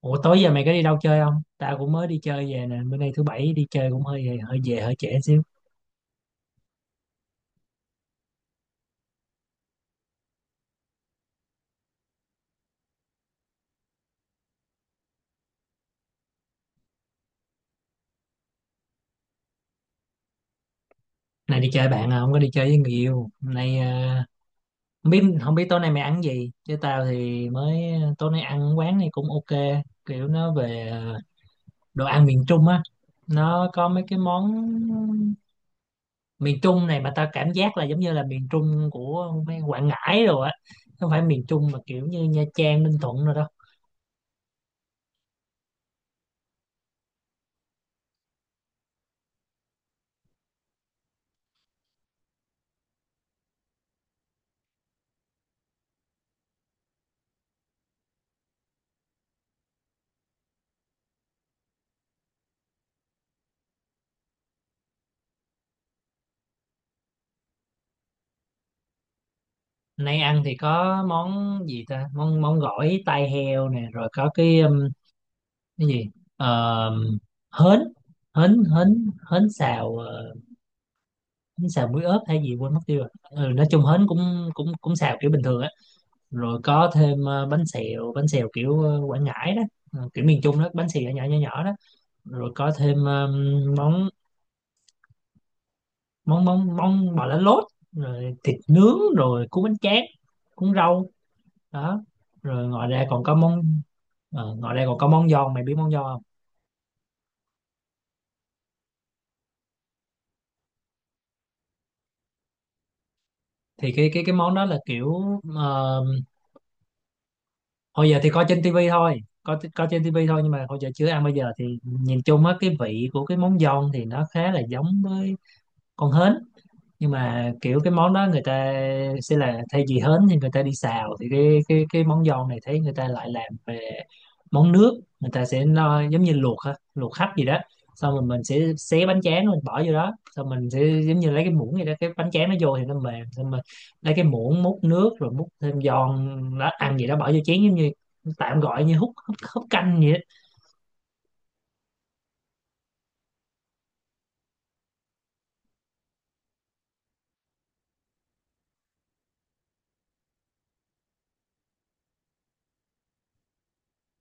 Ủa tối giờ mày có đi đâu chơi không? Tao cũng mới đi chơi về nè, bữa nay thứ bảy đi chơi cũng hơi hơi về hơi trễ xíu. Nay đi chơi bạn à, không có đi chơi với người yêu. Hôm nay à, không biết tối nay mày ăn gì. Chứ tao thì mới tối nay ăn quán này cũng ok, kiểu nó về à, đồ ăn miền Trung á. Nó có mấy cái món miền Trung này mà tao cảm giác là giống như là miền Trung của mấy Quảng Ngãi rồi á. Không phải miền Trung mà kiểu như Nha Trang, Ninh Thuận rồi đó. Nay ăn thì có món gì ta, món món gỏi tai heo nè, rồi có cái, cái gì, Ờ, hến hến hến hến xào, hến xào muối ớt hay gì quên mất tiêu rồi, ừ, nói chung hến cũng cũng cũng xào kiểu bình thường á. Rồi có thêm, bánh xèo kiểu, Quảng Ngãi đó, kiểu miền Trung đó, bánh xèo nhỏ nhỏ nhỏ đó. Rồi có thêm, món món món món bò lá lốt, rồi thịt nướng rồi cuốn bánh tráng cuốn rau đó. Rồi ngoài ra còn có món. Ngoài đây còn có món giòn, mày biết món giòn không? Thì cái món đó là kiểu, ờ, hồi giờ thì coi trên tivi thôi, có trên tivi thôi, nhưng mà hồi giờ chưa ăn, bây giờ thì nhìn chung á, cái vị của cái món giòn thì nó khá là giống với con hến. Nhưng mà kiểu cái món đó người ta sẽ là thay vì hến thì người ta đi xào, thì cái món giòn này thấy người ta lại làm về món nước, người ta sẽ nó giống như luộc, ha luộc hấp gì đó, xong rồi mình sẽ xé bánh tráng mình bỏ vô đó, xong mình sẽ giống như lấy cái muỗng gì đó, cái bánh tráng nó vô thì nó mềm, xong mình lấy cái muỗng múc nước, rồi múc thêm giòn đó, ăn gì đó bỏ vô chén, giống như tạm gọi như hút hút, hút canh vậy đó.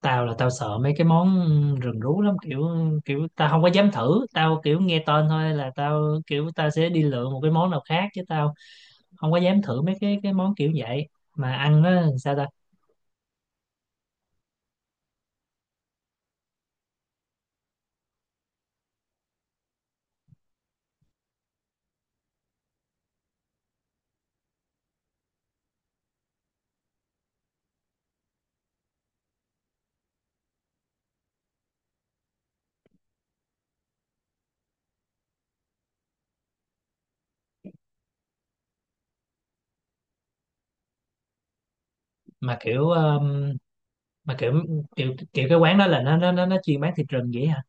Tao là tao sợ mấy cái món rừng rú lắm, kiểu kiểu tao không có dám thử, tao kiểu nghe tên thôi là tao kiểu tao sẽ đi lựa một cái món nào khác chứ tao không có dám thử mấy cái món kiểu vậy. Mà ăn nó làm sao ta. Mà kiểu, mà kiểu kiểu kiểu cái quán đó là nó chuyên bán thịt rừng vậy hả?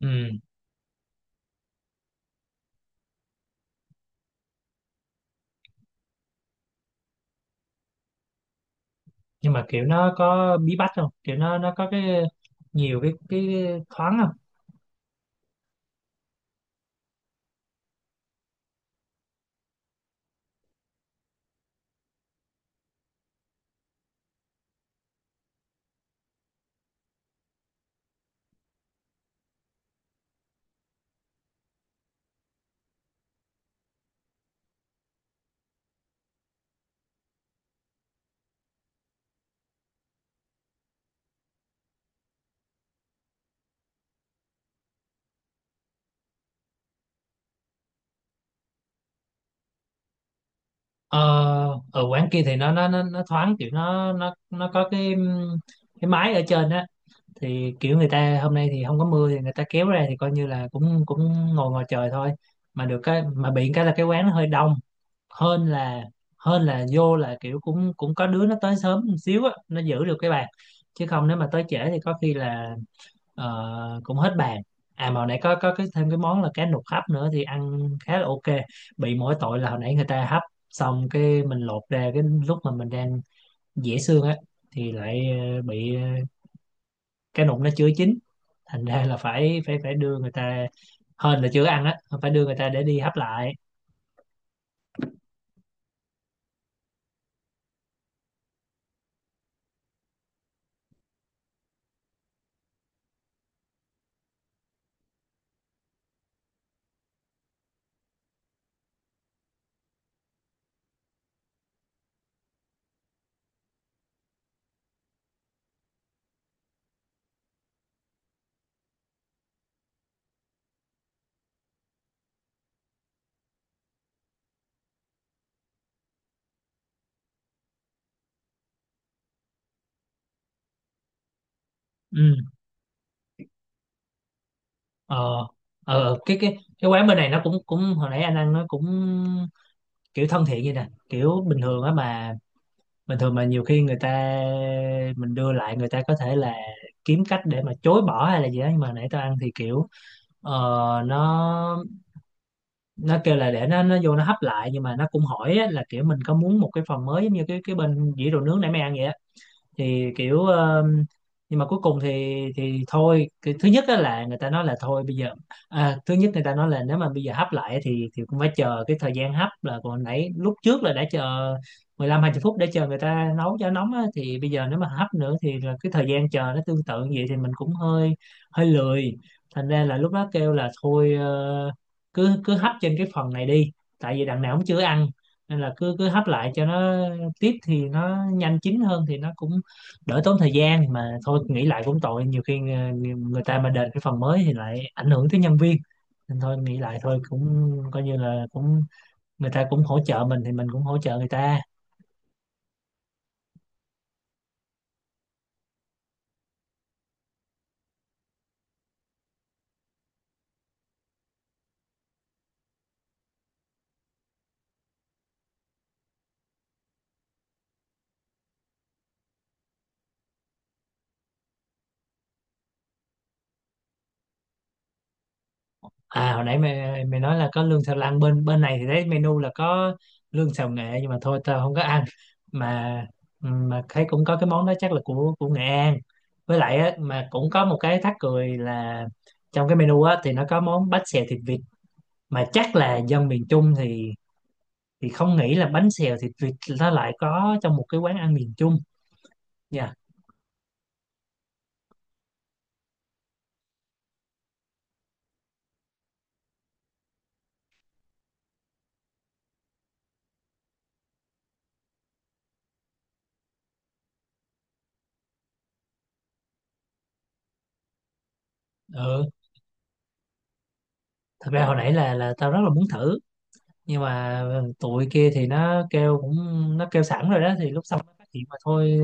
Ừ. Nhưng mà kiểu nó có bí bách không, kiểu nó có cái nhiều cái thoáng không? ờ Ở quán kia thì nó thoáng, kiểu nó có cái, cái mái ở trên á, thì kiểu người ta hôm nay thì không có mưa thì người ta kéo ra, thì coi như là cũng cũng ngồi ngoài trời thôi. Mà được cái, mà bị cái là cái quán nó hơi đông hơn là hơn là vô là kiểu cũng cũng có đứa nó tới sớm một xíu á, nó giữ được cái bàn, chứ không nếu mà tới trễ thì có khi là, cũng hết bàn. À mà hồi nãy có cái thêm cái món là cá nục hấp nữa thì ăn khá là ok. Bị mỗi tội là hồi nãy người ta hấp xong cái mình lột ra, cái lúc mà mình đang dẻ xương á, thì lại, bị, cái nụng nó chưa chín, thành ra là phải phải phải đưa người ta, hên là chưa ăn á, phải đưa người ta để đi hấp lại. Ừ. ờ cái quán bên này nó cũng cũng hồi nãy anh ăn nó cũng kiểu thân thiện vậy nè, kiểu bình thường á. Mà bình thường mà nhiều khi người ta, mình đưa lại người ta có thể là kiếm cách để mà chối bỏ hay là gì đó, nhưng mà hồi nãy tao ăn thì kiểu, ờ, nó nó kêu là để nó vô nó hấp lại, nhưng mà nó cũng hỏi á, là kiểu mình có muốn một cái phần mới, giống như cái bên dĩa đồ nướng nãy mày ăn vậy, thì kiểu, nhưng mà cuối cùng thì, thôi cái thứ nhất á là người ta nói là thôi bây giờ, à, thứ nhất người ta nói là nếu mà bây giờ hấp lại thì cũng phải chờ cái thời gian hấp, là còn nãy lúc trước là đã chờ 15 20 phút để chờ người ta nấu cho nóng á, thì bây giờ nếu mà hấp nữa thì là cái thời gian chờ nó tương tự như vậy, thì mình cũng hơi hơi lười, thành ra là lúc đó kêu là thôi, cứ cứ hấp trên cái phần này đi, tại vì đằng nào cũng chưa ăn, nên là cứ cứ hấp lại cho nó tiếp thì nó nhanh chín hơn, thì nó cũng đỡ tốn thời gian. Mà thôi nghĩ lại cũng tội, nhiều khi, người ta mà đền cái phần mới thì lại ảnh hưởng tới nhân viên, nên thôi nghĩ lại thôi cũng coi như là cũng, người ta cũng hỗ trợ mình thì mình cũng hỗ trợ người ta. À hồi nãy mày mày nói là có lương xào lăn, bên bên này thì thấy menu là có lương xào nghệ, nhưng mà thôi tao không có ăn. Mà mà thấy cũng có cái món đó chắc là của Nghệ An. Với lại á, mà cũng có một cái thắc cười là, trong cái menu á thì nó có món bánh xèo thịt vịt, mà chắc là dân miền Trung thì không nghĩ là bánh xèo thì tuyệt, nó lại có trong một cái quán ăn miền Trung nha. Ừ. Thật ra hồi nãy là tao rất là muốn thử, nhưng mà ừ, tụi kia thì nó kêu cũng, nó kêu sẵn rồi đó thì lúc xong nó phát hiện mà thôi,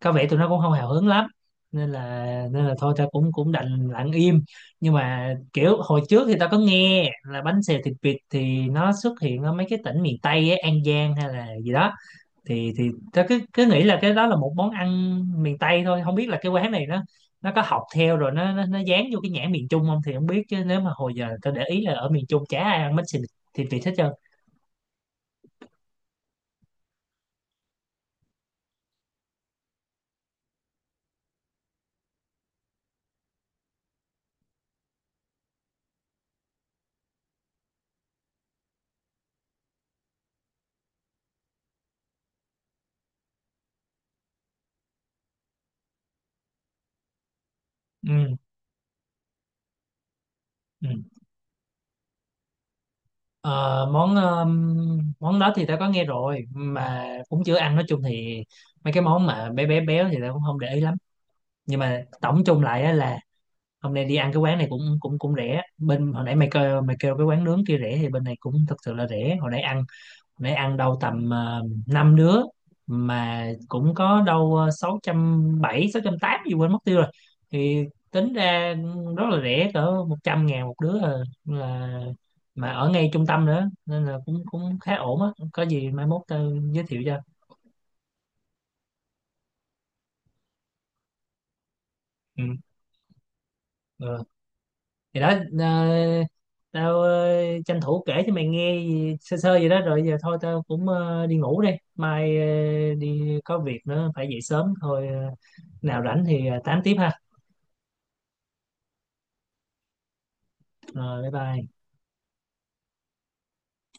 có vẻ tụi nó cũng không hào hứng lắm, nên là, thôi tao cũng cũng đành lặng im. Nhưng mà kiểu hồi trước thì tao có nghe là bánh xèo thịt vịt thì nó xuất hiện ở mấy cái tỉnh miền Tây ấy, An Giang hay là gì đó, thì tớ cứ cứ nghĩ là cái đó là một món ăn miền Tây thôi, không biết là cái quán này nó có học theo rồi nó dán vô cái nhãn miền Trung không thì không biết, chứ nếu mà hồi giờ tớ để ý là ở miền Trung chả ai ăn bánh xì thịt vịt hết trơn. Ừ, ừ. Ờ, món, món đó thì tớ có nghe rồi mà cũng chưa ăn. Nói chung thì mấy cái món mà bé bé béo thì tớ cũng không để ý lắm. Nhưng mà tổng chung lại á là hôm nay đi ăn cái quán này cũng cũng cũng rẻ. Bên hồi nãy mày kêu cái quán nướng kia rẻ, thì bên này cũng thật sự là rẻ. Hồi nãy ăn phải ăn đâu tầm, 5 đứa mà cũng có đâu, 600 700 800 gì quên mất tiêu rồi. Thì tính ra rất là rẻ, cỡ 100.000 một đứa à. Là mà ở ngay trung tâm nữa nên là cũng cũng khá ổn á. Có gì mai mốt tao giới thiệu cho. Ừ. Ừ. Thì đó, ờ, tao, tranh thủ kể cho mày nghe gì- sơ sơ vậy đó, rồi giờ thôi tao cũng, đi ngủ đây, mai, đi có việc nữa phải dậy sớm thôi, nào rảnh thì, tám tiếp ha. Rồi bye bye.